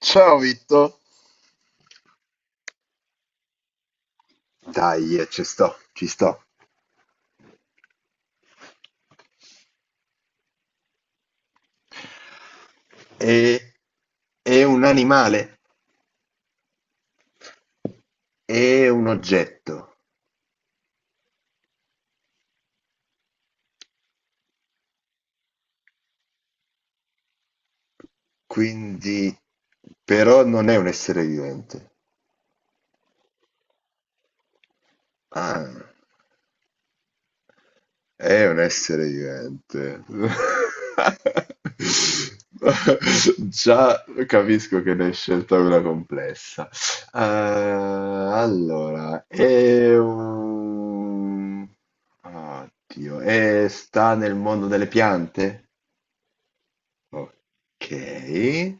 Ciao Vitto. Dai, ci sto. È, è un animale, è un oggetto, quindi però non è un essere vivente. Ah. È un essere vivente. Già capisco che ne hai scelta una complessa. Allora, è un... Oddio, è- sta nel mondo delle piante? Ok.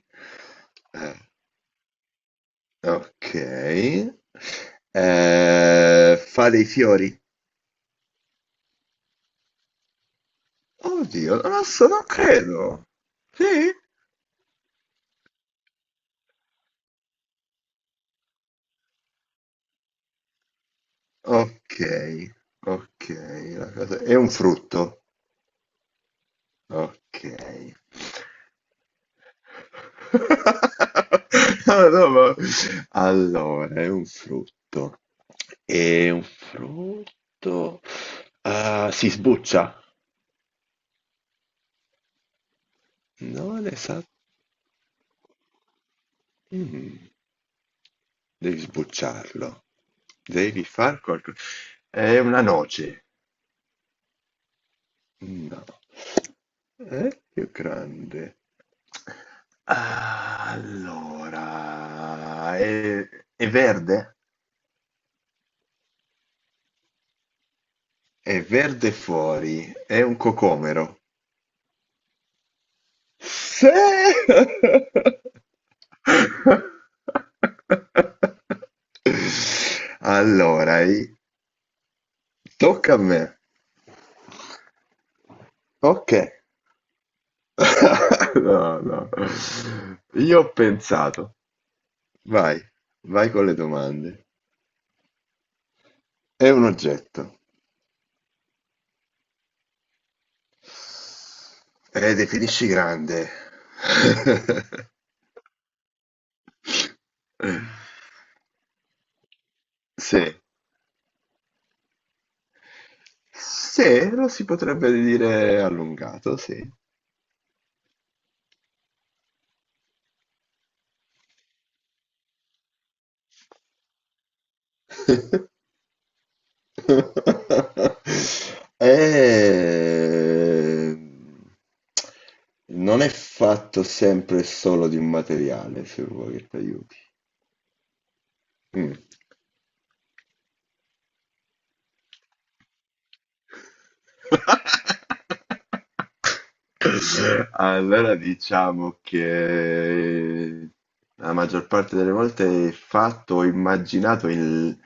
Ok. Fa dei fiori? Oddio, non lo so, non credo. Sì? Ok, ok. La cosa- è un frutto? Ok. Ah, no, ma- allora, è un frutto. È un frutto. Ah, si sbuccia. Non esatto. Devi sbucciarlo. Devi far qualcosa. È una noce. No. Più grande. Ah, allora, è verde? È verde fuori, è un cocomero. Sì! Allora, i- tocca a me. Ok. No, no. Io ho pensato. Vai, vai con le domande. È un oggetto. Definisci grande. Sì. Sì, lo si potrebbe dire allungato, sì. Eh, non è fatto sempre solo di un materiale, se vuoi che ti aiuti. Mm. Allora diciamo che la maggior parte delle volte è fatto o immaginato in-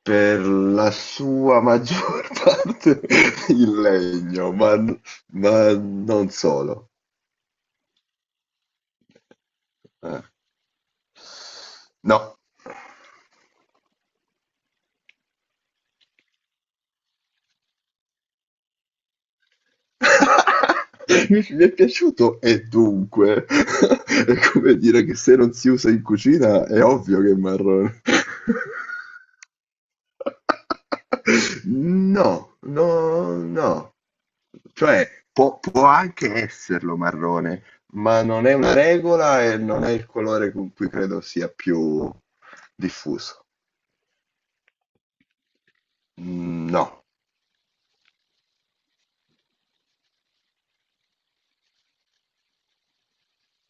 per la sua maggior parte in legno, ma non solo. Eh, No. Mi è piaciuto e dunque è come dire che se non si usa in cucina è ovvio che è marrone. No, no, no. Cioè, può anche esserlo marrone, ma non è una regola e non è il colore con cui credo sia più diffuso. Mm, no.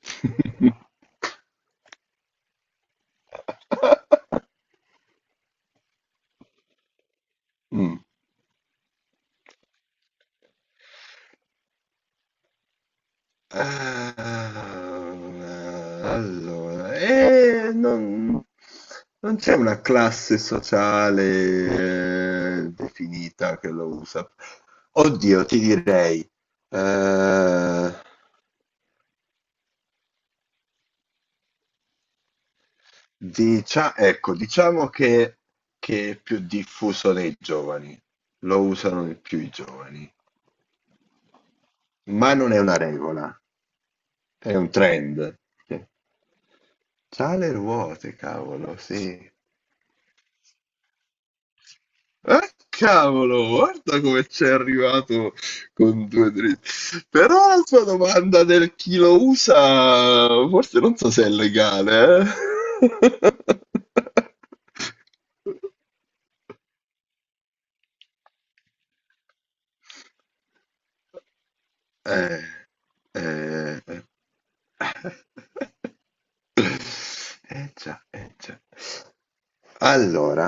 Mm. Ah, allora, non c'è una classe sociale, definita che lo usa. Oddio, ti direi, eh, dicia- ecco, diciamo che è più diffuso nei giovani, lo usano di più i giovani, ma non è una regola, è un trend. C'ha le ruote, cavolo, sì. Cavolo, guarda come c'è arrivato con due dritti. Però la sua domanda del chi lo usa, forse non so se è legale, eh. Eh, eh. Eh già, eh già. Allora,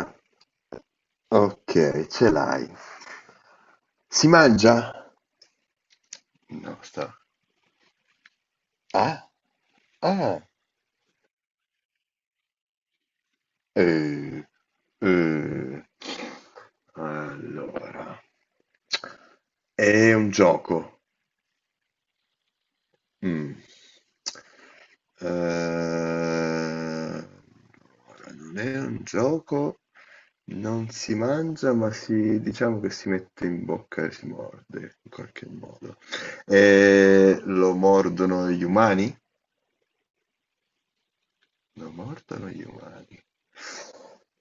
ok, ce l'hai. Si mangia? No, sta. Ah, ah. Eh, eh. Allora, è un gioco. Mm. Allora, non è un gioco, non si mangia, ma si, diciamo che si mette in bocca e si morde in qualche modo. Lo mordono gli umani? Lo mordono gli umani.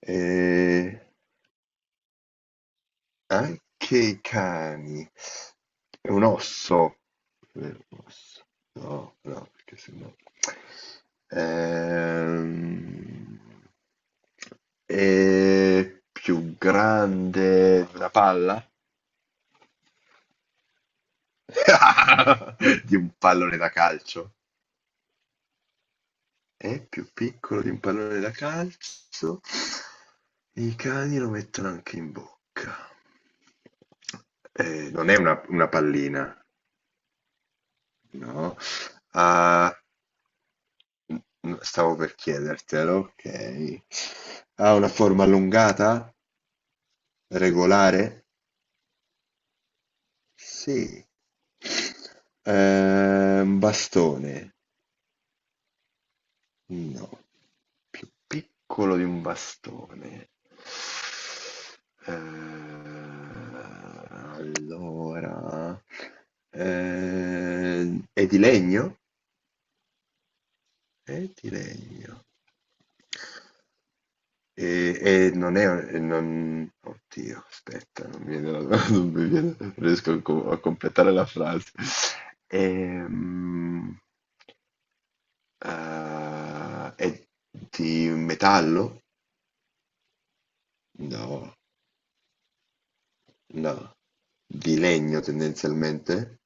Eh, Anche i cani. È un osso. Eh, osso. No, no, perché sennò... Ehm, è più grande di una palla? Di un pallone da calcio. È più piccolo di un pallone da calcio. I cani lo mettono anche in bocca. Non è una pallina. No. Ha n- stavo per chiedertelo, ok. Ha una forma allungata? Regolare? Sì. Un bastone? No. Più piccolo di un bastone. Allora... è di legno? È di legno. E non è, e non, oddio, aspetta, non mi viene, non mi viene- non riesco a, co- a completare la frase. Ehm, è di metallo? No, no, di legno tendenzialmente.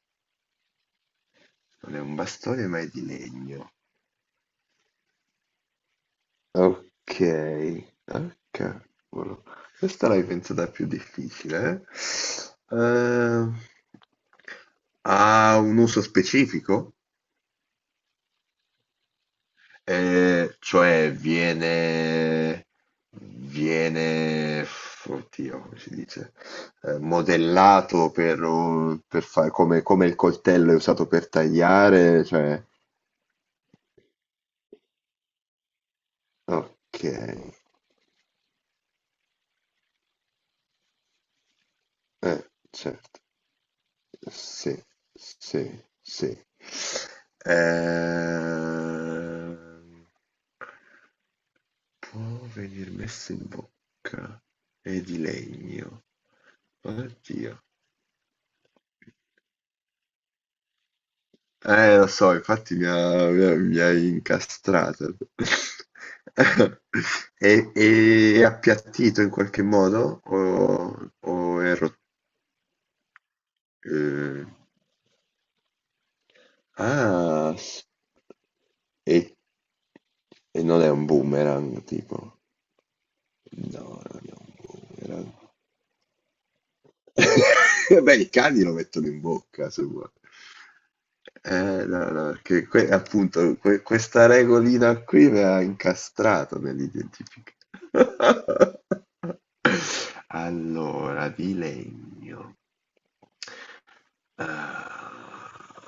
Non è un bastone, ma è di legno. Ok, ah, cavolo. Questa l'hai pensata più difficile, eh? Ha un uso specifico? Cioè viene, viene, f- oddio, come si dice, eh, modellato per, un- per fare come, come il coltello è usato per tagliare, cioè, ok, certo. Sì, sì, sì. Ehm, può venir messo in bocca. È di legno. Oddio. Lo so, infatti mi hai incastrato. È, è appiattito in qualche modo o è rotto? Ah, s- e, e non è un boomerang, tipo. No, non è un boomerang. Beh, i cani lo mettono in bocca, se vuoi. No, no, perché que- appunto que- questa regolina qui mi ha incastrato nell'identificare. Allora, di legno. Ah,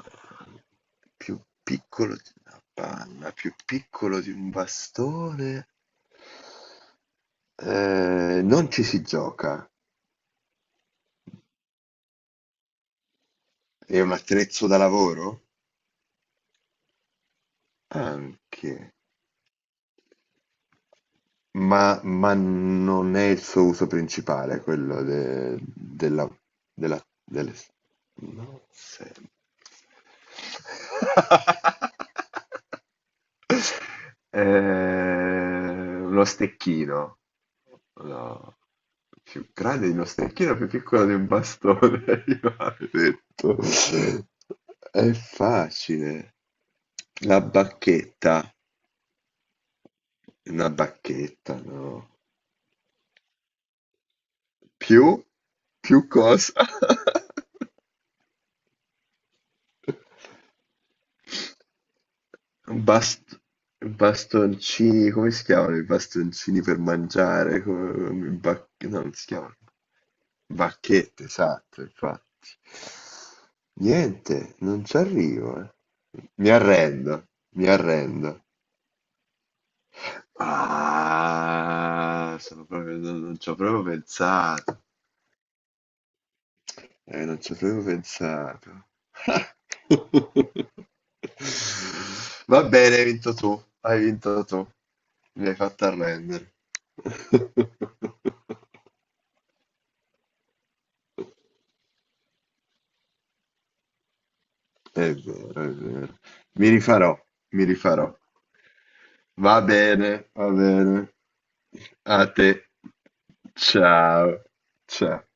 più piccolo di una panna, più piccolo di un bastone. Non ci si gioca. È un attrezzo da lavoro? Anche. Ma non è il suo uso principale, quello de- della, della, delle... No, se- uno stecchino. No. Più grande di uno stecchino, più piccolo di un bastone. Io l'avevo detto. È facile. La bacchetta. Una bacchetta, no. Più? Più cosa? Bast- bastoncini, come si chiamano i bastoncini per mangiare? Come- bac- no, non si chiamano. Bacchette, esatto, infatti. Niente, non ci arrivo, eh. Mi arrendo, mi arrendo. Ah, sono proprio, non, non ci ho proprio pensato. Non ci avevo pensato. Va bene, hai vinto tu, mi hai fatto arrendere. È vero, è vero. Mi rifarò, mi rifarò. Va bene, va bene. A te. Ciao. Ciao.